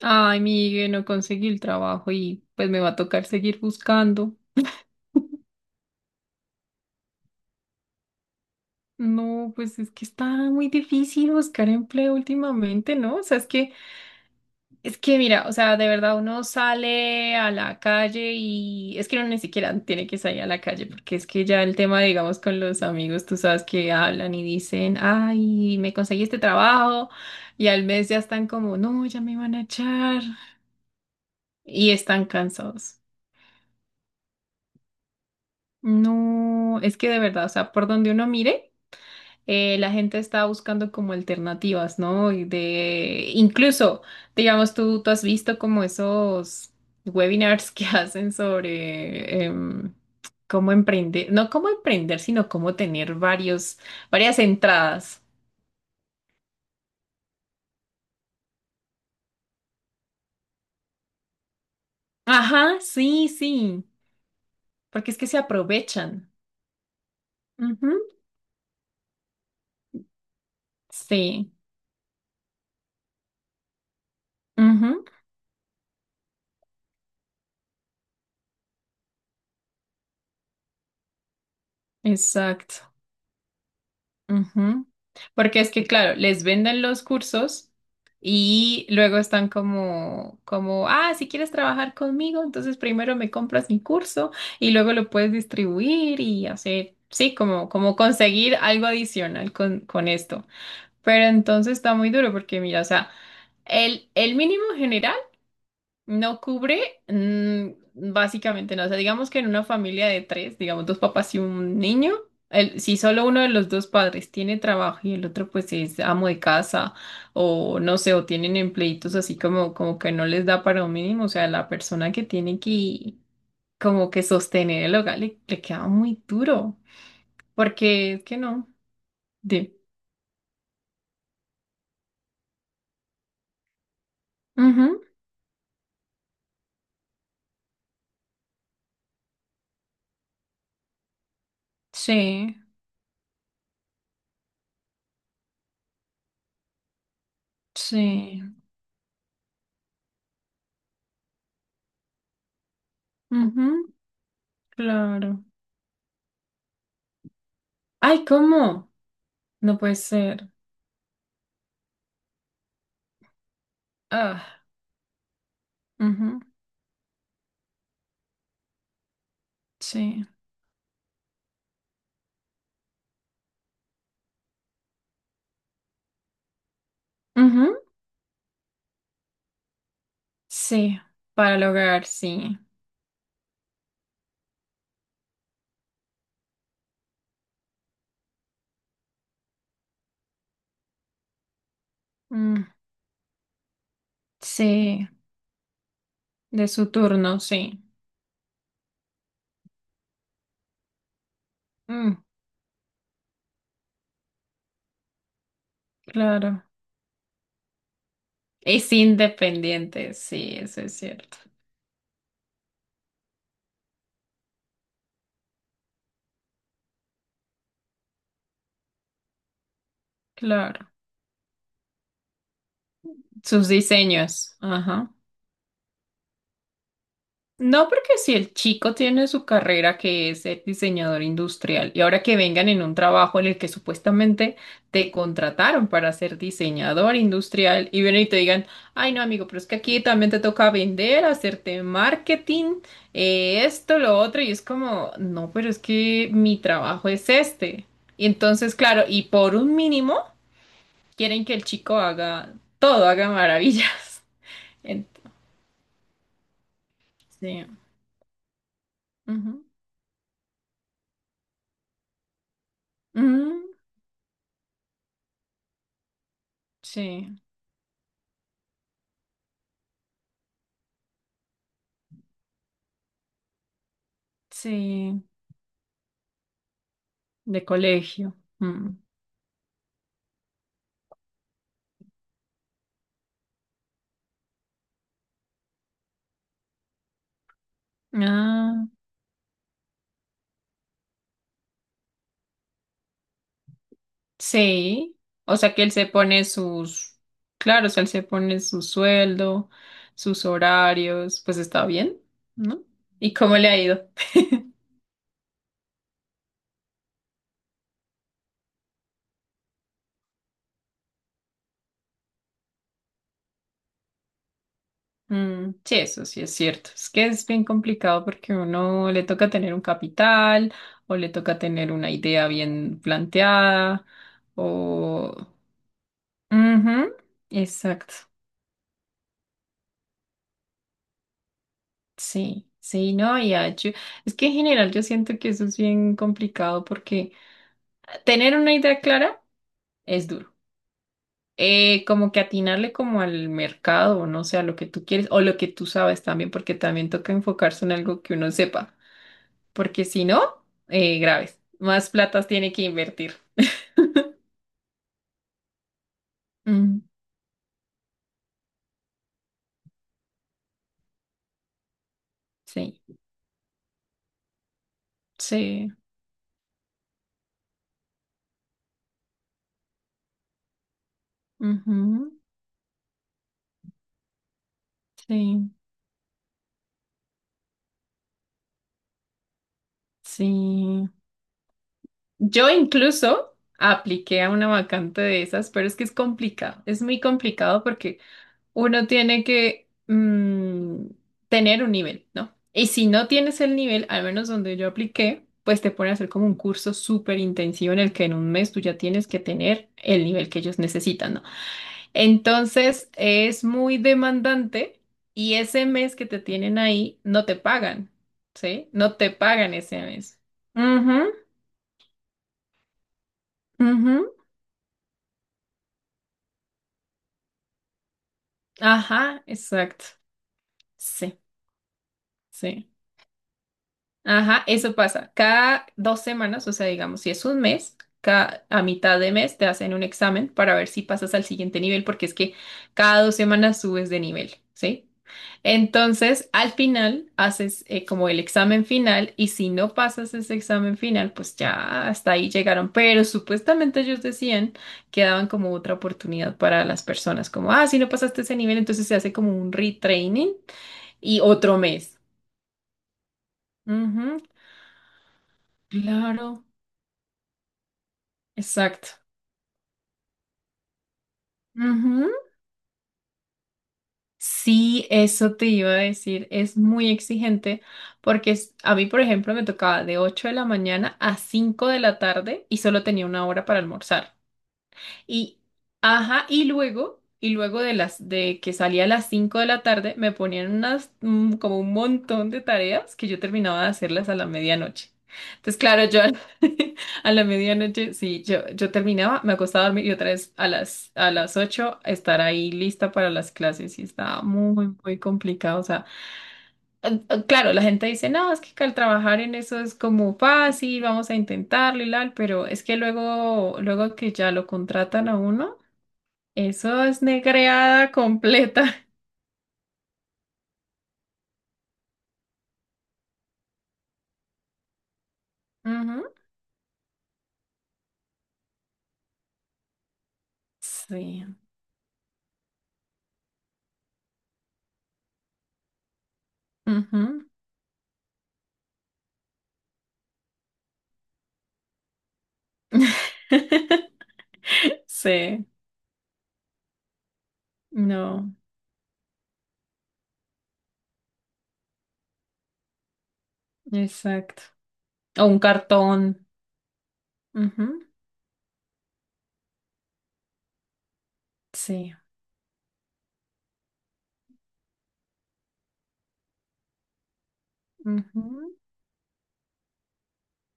Ay, Miguel, no conseguí el trabajo y pues me va a tocar seguir buscando. No, pues es que está muy difícil buscar empleo últimamente, ¿no? O sea, es que mira, o sea, de verdad uno sale a la calle y es que uno ni siquiera tiene que salir a la calle porque es que ya el tema, digamos, con los amigos, tú sabes que hablan y dicen, ay, me conseguí este trabajo y al mes ya están como, no, ya me van a echar y están cansados. No, es que de verdad, o sea, por donde uno mire. La gente está buscando como alternativas, ¿no? Y incluso, digamos, tú has visto como esos webinars que hacen sobre cómo emprender, no cómo emprender, sino cómo tener varias entradas. Ajá, sí, sí, porque es que se aprovechan. Ujú, sí, ujú, exacto. Ujú. Porque es que, claro, les venden los cursos y luego están como, como, ah, si quieres trabajar conmigo, entonces primero me compras mi curso y luego lo puedes distribuir y hacer, sí, como, como conseguir algo adicional con esto. Pero entonces está muy duro porque, mira, o sea, el mínimo general. No cubre, básicamente no. O sea, digamos que en una familia de tres, digamos dos papás y un niño, si solo uno de los dos padres tiene trabajo y el otro pues es amo de casa o no sé, o tienen empleitos así como que no les da para un mínimo, o sea, la persona que tiene que como que sostener el hogar le queda muy duro, porque es que no. De. Ujú, sí, sí, ujú, claro. Ay, ¿cómo? No puede ser. Ah. Ujú, sí. Ujú, sí. Para el hogar, sí. Mm, sí. De su turno, sí. Mm, claro. Es independiente, sí, eso es cierto. Claro. Sus diseños. Ajá. No, porque si el chico tiene su carrera que es el diseñador industrial y ahora que vengan en un trabajo en el que supuestamente te contrataron para ser diseñador industrial y vienen y te digan, ay no amigo, pero es que aquí también te toca vender, hacerte marketing, esto, lo otro, y es como, no, pero es que mi trabajo es este. Y entonces, claro, y por un mínimo quieren que el chico haga todo, haga maravillas. Ent- sí. Ujú. Ujú. Sí. Sí, de colegio. Mm. Ah, sí. O sea que él se pone sus, claro, o sea, él se pone su sueldo, sus horarios, pues está bien, ¿no? ¿Y cómo le ha ido? Mm, sí, eso sí es cierto. Es que es bien complicado porque uno le toca tener un capital o le toca tener una idea bien planteada o... Ujú, exacto. Sí, sí, no, y es que en general yo siento que eso es bien complicado porque tener una idea clara es duro. Como que atinarle como al mercado, o no sé, a lo que tú quieres o lo que tú sabes también, porque también toca enfocarse en algo que uno sepa, porque si no, graves, más platas tiene que invertir. Mm, sí, sí, ujú, sí, sí. Yo incluso apliqué a una vacante de esas, pero es que es complicado, es muy complicado porque uno tiene que tener un nivel, ¿no? Y si no tienes el nivel, al menos donde yo apliqué, pues te ponen a hacer como un curso súper intensivo en el que en un mes tú ya tienes que tener el nivel que ellos necesitan, ¿no? Entonces es muy demandante y ese mes que te tienen ahí no te pagan, ¿sí? No te pagan ese mes. Ujú, ujú. Ajá, exacto. Sí, sí. Ajá, eso pasa. Cada 2 semanas, o sea, digamos, si es un mes, ca- a mitad de mes te hacen un examen para ver si pasas al siguiente nivel, porque es que cada 2 semanas subes de nivel, ¿sí? Entonces, al final, haces como el examen final y si no pasas ese examen final, pues ya hasta ahí llegaron. Pero supuestamente ellos decían que daban como otra oportunidad para las personas, como, ah, si no pasaste ese nivel, entonces se hace como un retraining. Y otro mes. Ujú, claro, exacto. Ujú. Sí, eso te iba a decir. Es muy exigente porque a mí, por ejemplo, me tocaba de 8 de la mañana a 5 de la tarde y solo tenía 1 hora para almorzar. Y, ajá, y luego de que salía a las 5 de la tarde, me ponían unas, como un montón de tareas que yo terminaba de hacerlas a la medianoche. Entonces, claro, yo a la medianoche, sí, yo terminaba, me acostaba a dormir y otra vez a las, 8 estar ahí lista para las clases y estaba muy, muy complicado. O sea, claro, la gente dice, no, es que al trabajar en eso es como fácil, vamos a intentarlo y tal, pero es que luego que ya lo contratan a uno. Eso es negreada completa. Ujú. Sí. Ujú. Sí. No. Exacto. O un cartón. Ujú. Sí. Ujú,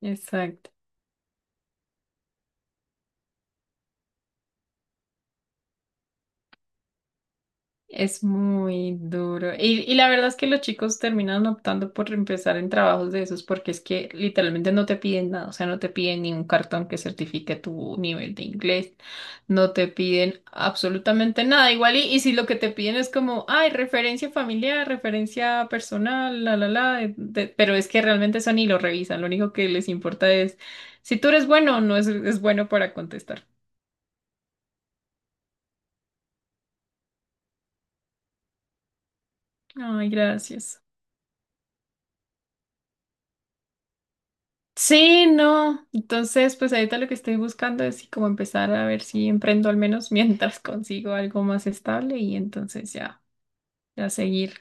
exacto. Es muy duro. Y la verdad es que los chicos terminan optando por empezar en trabajos de esos porque es que literalmente no te piden nada, o sea, no te piden ni un cartón que certifique tu nivel de inglés, no te piden absolutamente nada. Igual y si lo que te piden es como, ay, referencia familiar, referencia personal, la, de- pero es que realmente eso ni lo revisan, lo único que les importa es si tú eres bueno o no es, es bueno para contestar. Ay, gracias. Sí, no. Entonces, pues ahorita lo que estoy buscando es sí, como empezar a ver si emprendo al menos mientras consigo algo más estable y entonces ya, ya seguir.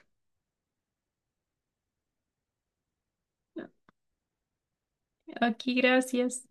Aquí, gracias.